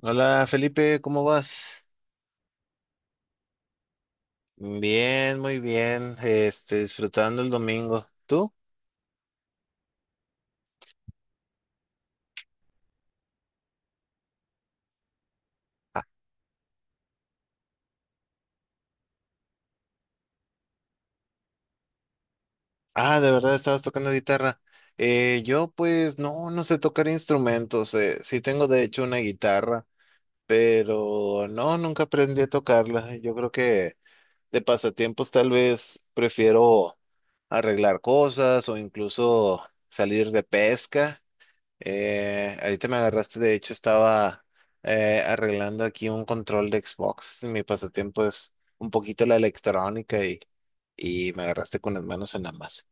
Hola Felipe, ¿cómo vas? Bien, muy bien. Este, disfrutando el domingo. ¿Tú? Ah, ah, de verdad estabas tocando guitarra. Yo pues no, no sé tocar instrumentos. Sí tengo de hecho una guitarra, pero no, nunca aprendí a tocarla. Yo creo que de pasatiempos tal vez prefiero arreglar cosas o incluso salir de pesca. Ahorita me agarraste, de hecho estaba arreglando aquí un control de Xbox. Mi pasatiempo es un poquito la electrónica y me agarraste con las manos en la masa.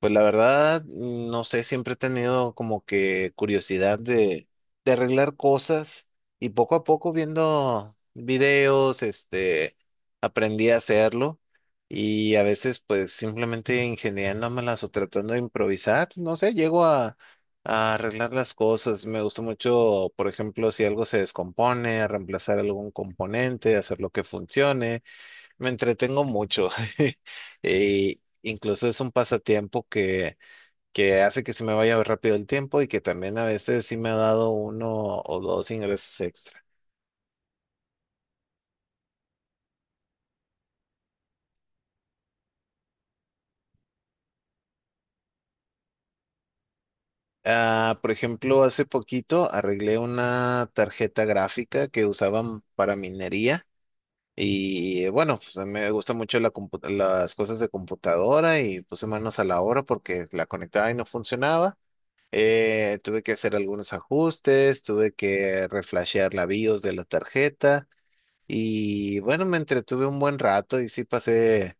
Pues la verdad, no sé, siempre he tenido como que curiosidad de arreglar cosas y poco a poco viendo videos, este, aprendí a hacerlo y a veces pues simplemente ingeniándomelas o tratando de improvisar, no sé, llego a arreglar las cosas. Me gusta mucho, por ejemplo, si algo se descompone, reemplazar algún componente, hacer lo que funcione. Me entretengo mucho. E incluso es un pasatiempo que hace que se me vaya rápido el tiempo y que también a veces sí me ha dado uno o dos ingresos extra. Ah, por ejemplo, hace poquito arreglé una tarjeta gráfica que usaban para minería y bueno, pues, a mí me gusta mucho la las cosas de computadora y puse manos a la obra porque la conectaba y no funcionaba. Tuve que hacer algunos ajustes, tuve que reflashear la BIOS de la tarjeta y bueno, me entretuve un buen rato y sí pasé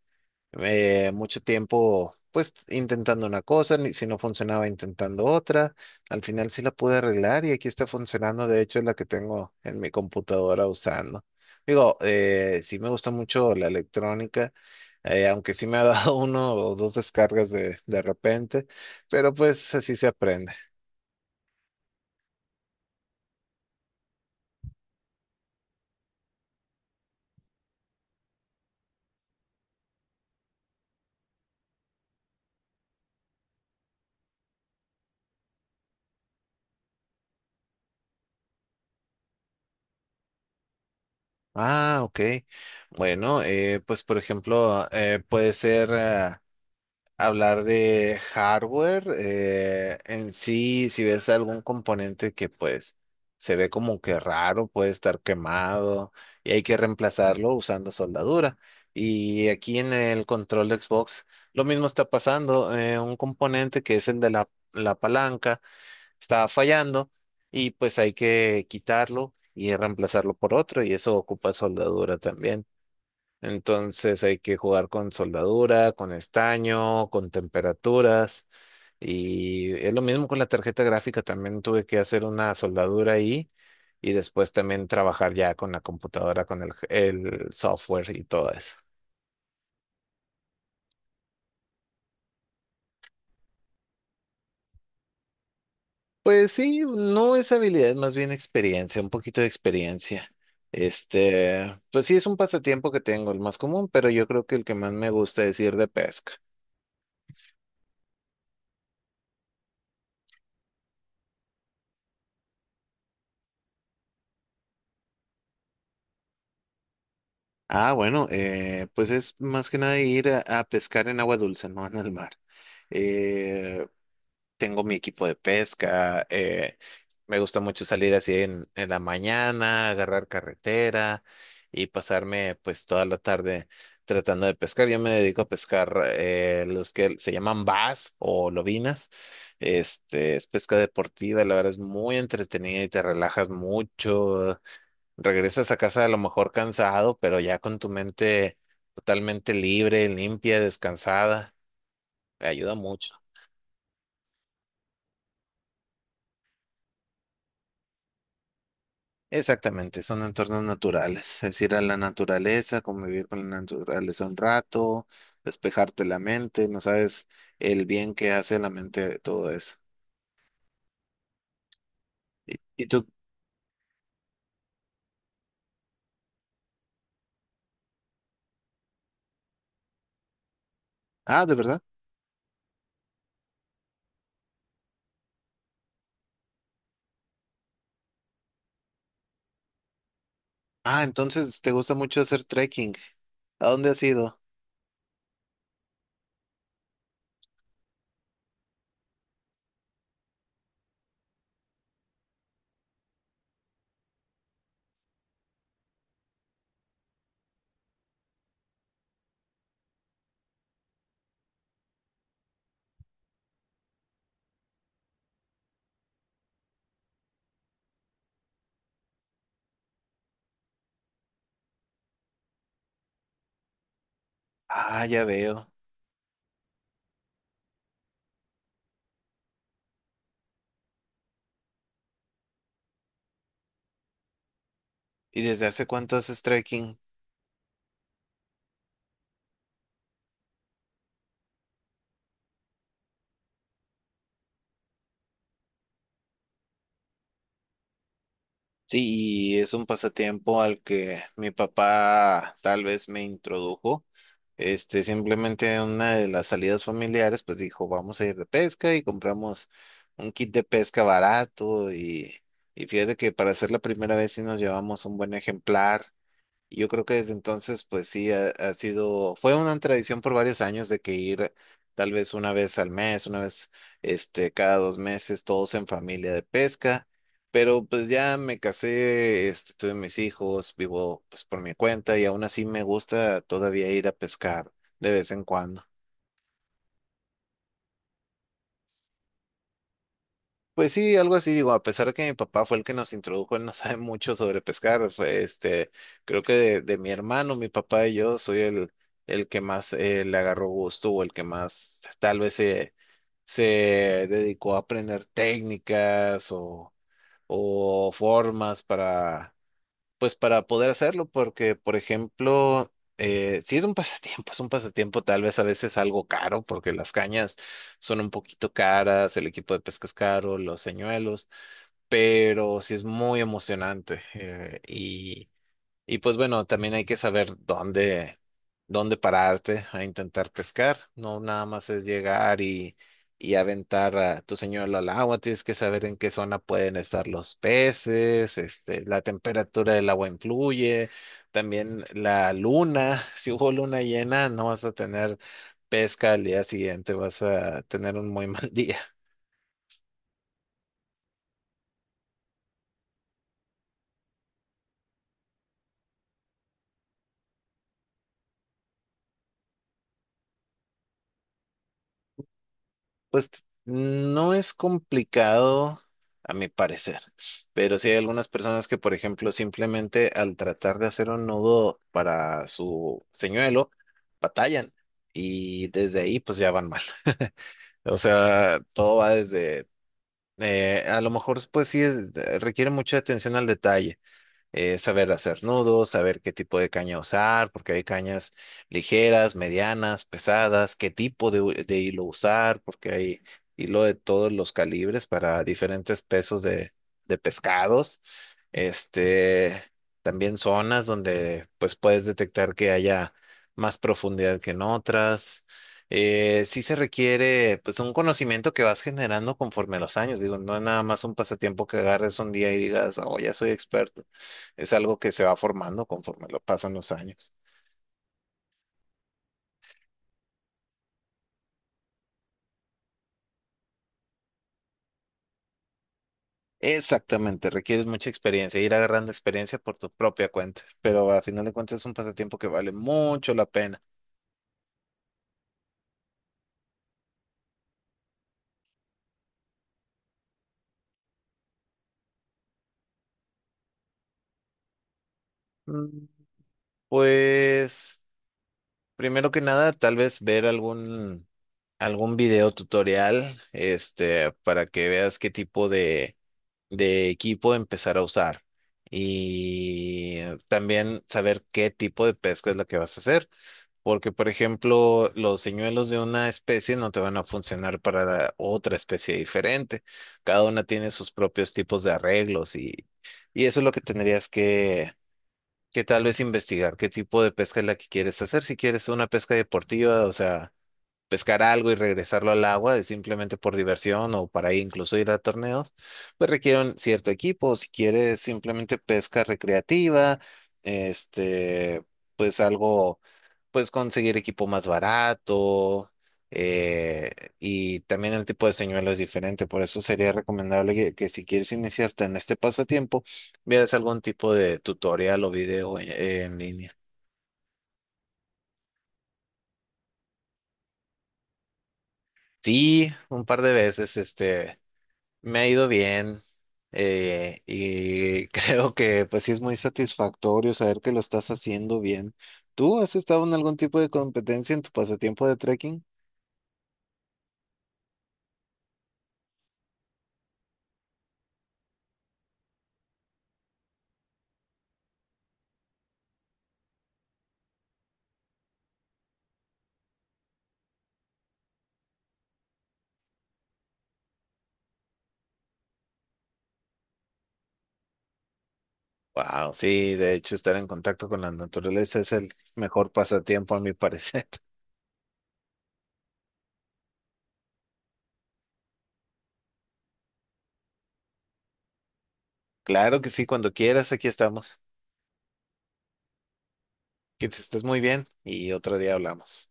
mucho tiempo pues intentando una cosa, si no funcionaba intentando otra. Al final sí la pude arreglar y aquí está funcionando, de hecho es la que tengo en mi computadora usando. Digo, sí me gusta mucho la electrónica, aunque sí me ha dado uno o dos descargas de repente, pero pues así se aprende. Ah, ok. Bueno, pues por ejemplo, puede ser hablar de hardware en sí, si ves algún componente que pues se ve como que raro, puede estar quemado y hay que reemplazarlo usando soldadura. Y aquí en el control de Xbox, lo mismo está pasando, un componente que es el de la palanca estaba fallando y pues hay que quitarlo y reemplazarlo por otro y eso ocupa soldadura también. Entonces hay que jugar con soldadura, con estaño, con temperaturas y es lo mismo con la tarjeta gráfica, también tuve que hacer una soldadura ahí y después también trabajar ya con la computadora, con el software y todo eso. Pues sí, no es habilidad, más bien experiencia, un poquito de experiencia. Este, pues sí, es un pasatiempo que tengo, el más común, pero yo creo que el que más me gusta es ir de pesca. Ah, bueno, pues es más que nada ir a pescar en agua dulce, no en el mar. Eh, Tengo mi equipo de pesca, me gusta mucho salir así en la mañana, agarrar carretera y pasarme pues toda la tarde tratando de pescar. Yo me dedico a pescar los que se llaman bass o lobinas. Este, es pesca deportiva, la verdad es muy entretenida y te relajas mucho. Regresas a casa a lo mejor cansado, pero ya con tu mente totalmente libre, limpia, descansada. Te ayuda mucho. Exactamente, son entornos naturales, es ir a la naturaleza, convivir con la naturaleza un rato, despejarte la mente, no sabes el bien que hace a la mente de todo eso. ¿Y tú? Ah, ¿de verdad? Ah, entonces te gusta mucho hacer trekking. ¿A dónde has ido? Ah, ya veo. ¿Y desde hace cuánto haces trekking? Sí, y es un pasatiempo al que mi papá tal vez me introdujo. Este, simplemente una de las salidas familiares, pues dijo, vamos a ir de pesca y compramos un kit de pesca barato y fíjate que para hacer la primera vez sí nos llevamos un buen ejemplar y yo creo que desde entonces, pues sí, ha sido, fue una tradición por varios años de que ir tal vez una vez al mes, una vez, este, cada dos meses, todos en familia de pesca, pero pues ya me casé, este, tuve mis hijos, vivo pues por mi cuenta y aún así me gusta todavía ir a pescar de vez en cuando. Pues sí, algo así, digo, a pesar de que mi papá fue el que nos introdujo, él no sabe mucho sobre pescar, fue este, creo que de mi hermano, mi papá y yo, soy el que más le agarró gusto o el que más tal vez se dedicó a aprender técnicas o formas para pues para poder hacerlo, porque, por ejemplo, si es un pasatiempo, es un pasatiempo tal vez a veces algo caro, porque las cañas son un poquito caras, el equipo de pesca es caro, los señuelos, pero sí es muy emocionante. Y y pues bueno, también hay que saber dónde pararte a intentar pescar. No nada más es llegar y aventar a tu señuelo al agua. Tienes que saber en qué zona pueden estar los peces, este, la temperatura del agua influye, también la luna. Si hubo luna llena, no vas a tener pesca al día siguiente, vas a tener un muy mal día. Pues no es complicado, a mi parecer, pero sí hay algunas personas que, por ejemplo, simplemente al tratar de hacer un nudo para su señuelo, batallan y desde ahí pues ya van mal. O sea, todo va desde, a lo mejor pues sí requiere mucha atención al detalle saber hacer nudos, saber qué tipo de caña usar, porque hay cañas ligeras, medianas, pesadas, qué tipo de, de hilo usar, porque hay hilo de todos los calibres para diferentes pesos de pescados. Este, también zonas donde pues puedes detectar que haya más profundidad que en otras. Sí se requiere pues un conocimiento que vas generando conforme a los años. Digo, no es nada más un pasatiempo que agarres un día y digas, oh, ya soy experto. Es algo que se va formando conforme lo pasan los años. Exactamente, requieres mucha experiencia, ir agarrando experiencia por tu propia cuenta, pero a final de cuentas es un pasatiempo que vale mucho la pena. Mm, pues, primero que nada, tal vez ver algún video tutorial, este, para que veas qué tipo de equipo empezar a usar y también saber qué tipo de pesca es la que vas a hacer. Porque, por ejemplo, los señuelos de una especie no te van a funcionar para la otra especie diferente. Cada una tiene sus propios tipos de arreglos y eso es lo que tendrías que tal vez investigar, qué tipo de pesca es la que quieres hacer, si quieres una pesca deportiva, o sea pescar algo y regresarlo al agua, es simplemente por diversión o para incluso ir a torneos, pues requiere un cierto equipo. Si quieres simplemente pesca recreativa, este, pues algo, pues conseguir equipo más barato. eh, y también el tipo de señuelo es diferente, por eso sería recomendable que si quieres iniciarte en este pasatiempo, vieras algún tipo de tutorial o video en línea. Sí, un par de veces, este. Me ha ido bien y creo que pues sí es muy satisfactorio saber que lo estás haciendo bien. ¿Tú has estado en algún tipo de competencia en tu pasatiempo de trekking? Wow, sí, de hecho estar en contacto con la naturaleza es el mejor pasatiempo a mi parecer. Claro que sí, cuando quieras, aquí estamos. Que te estés muy bien y otro día hablamos.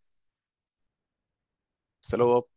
Hasta luego.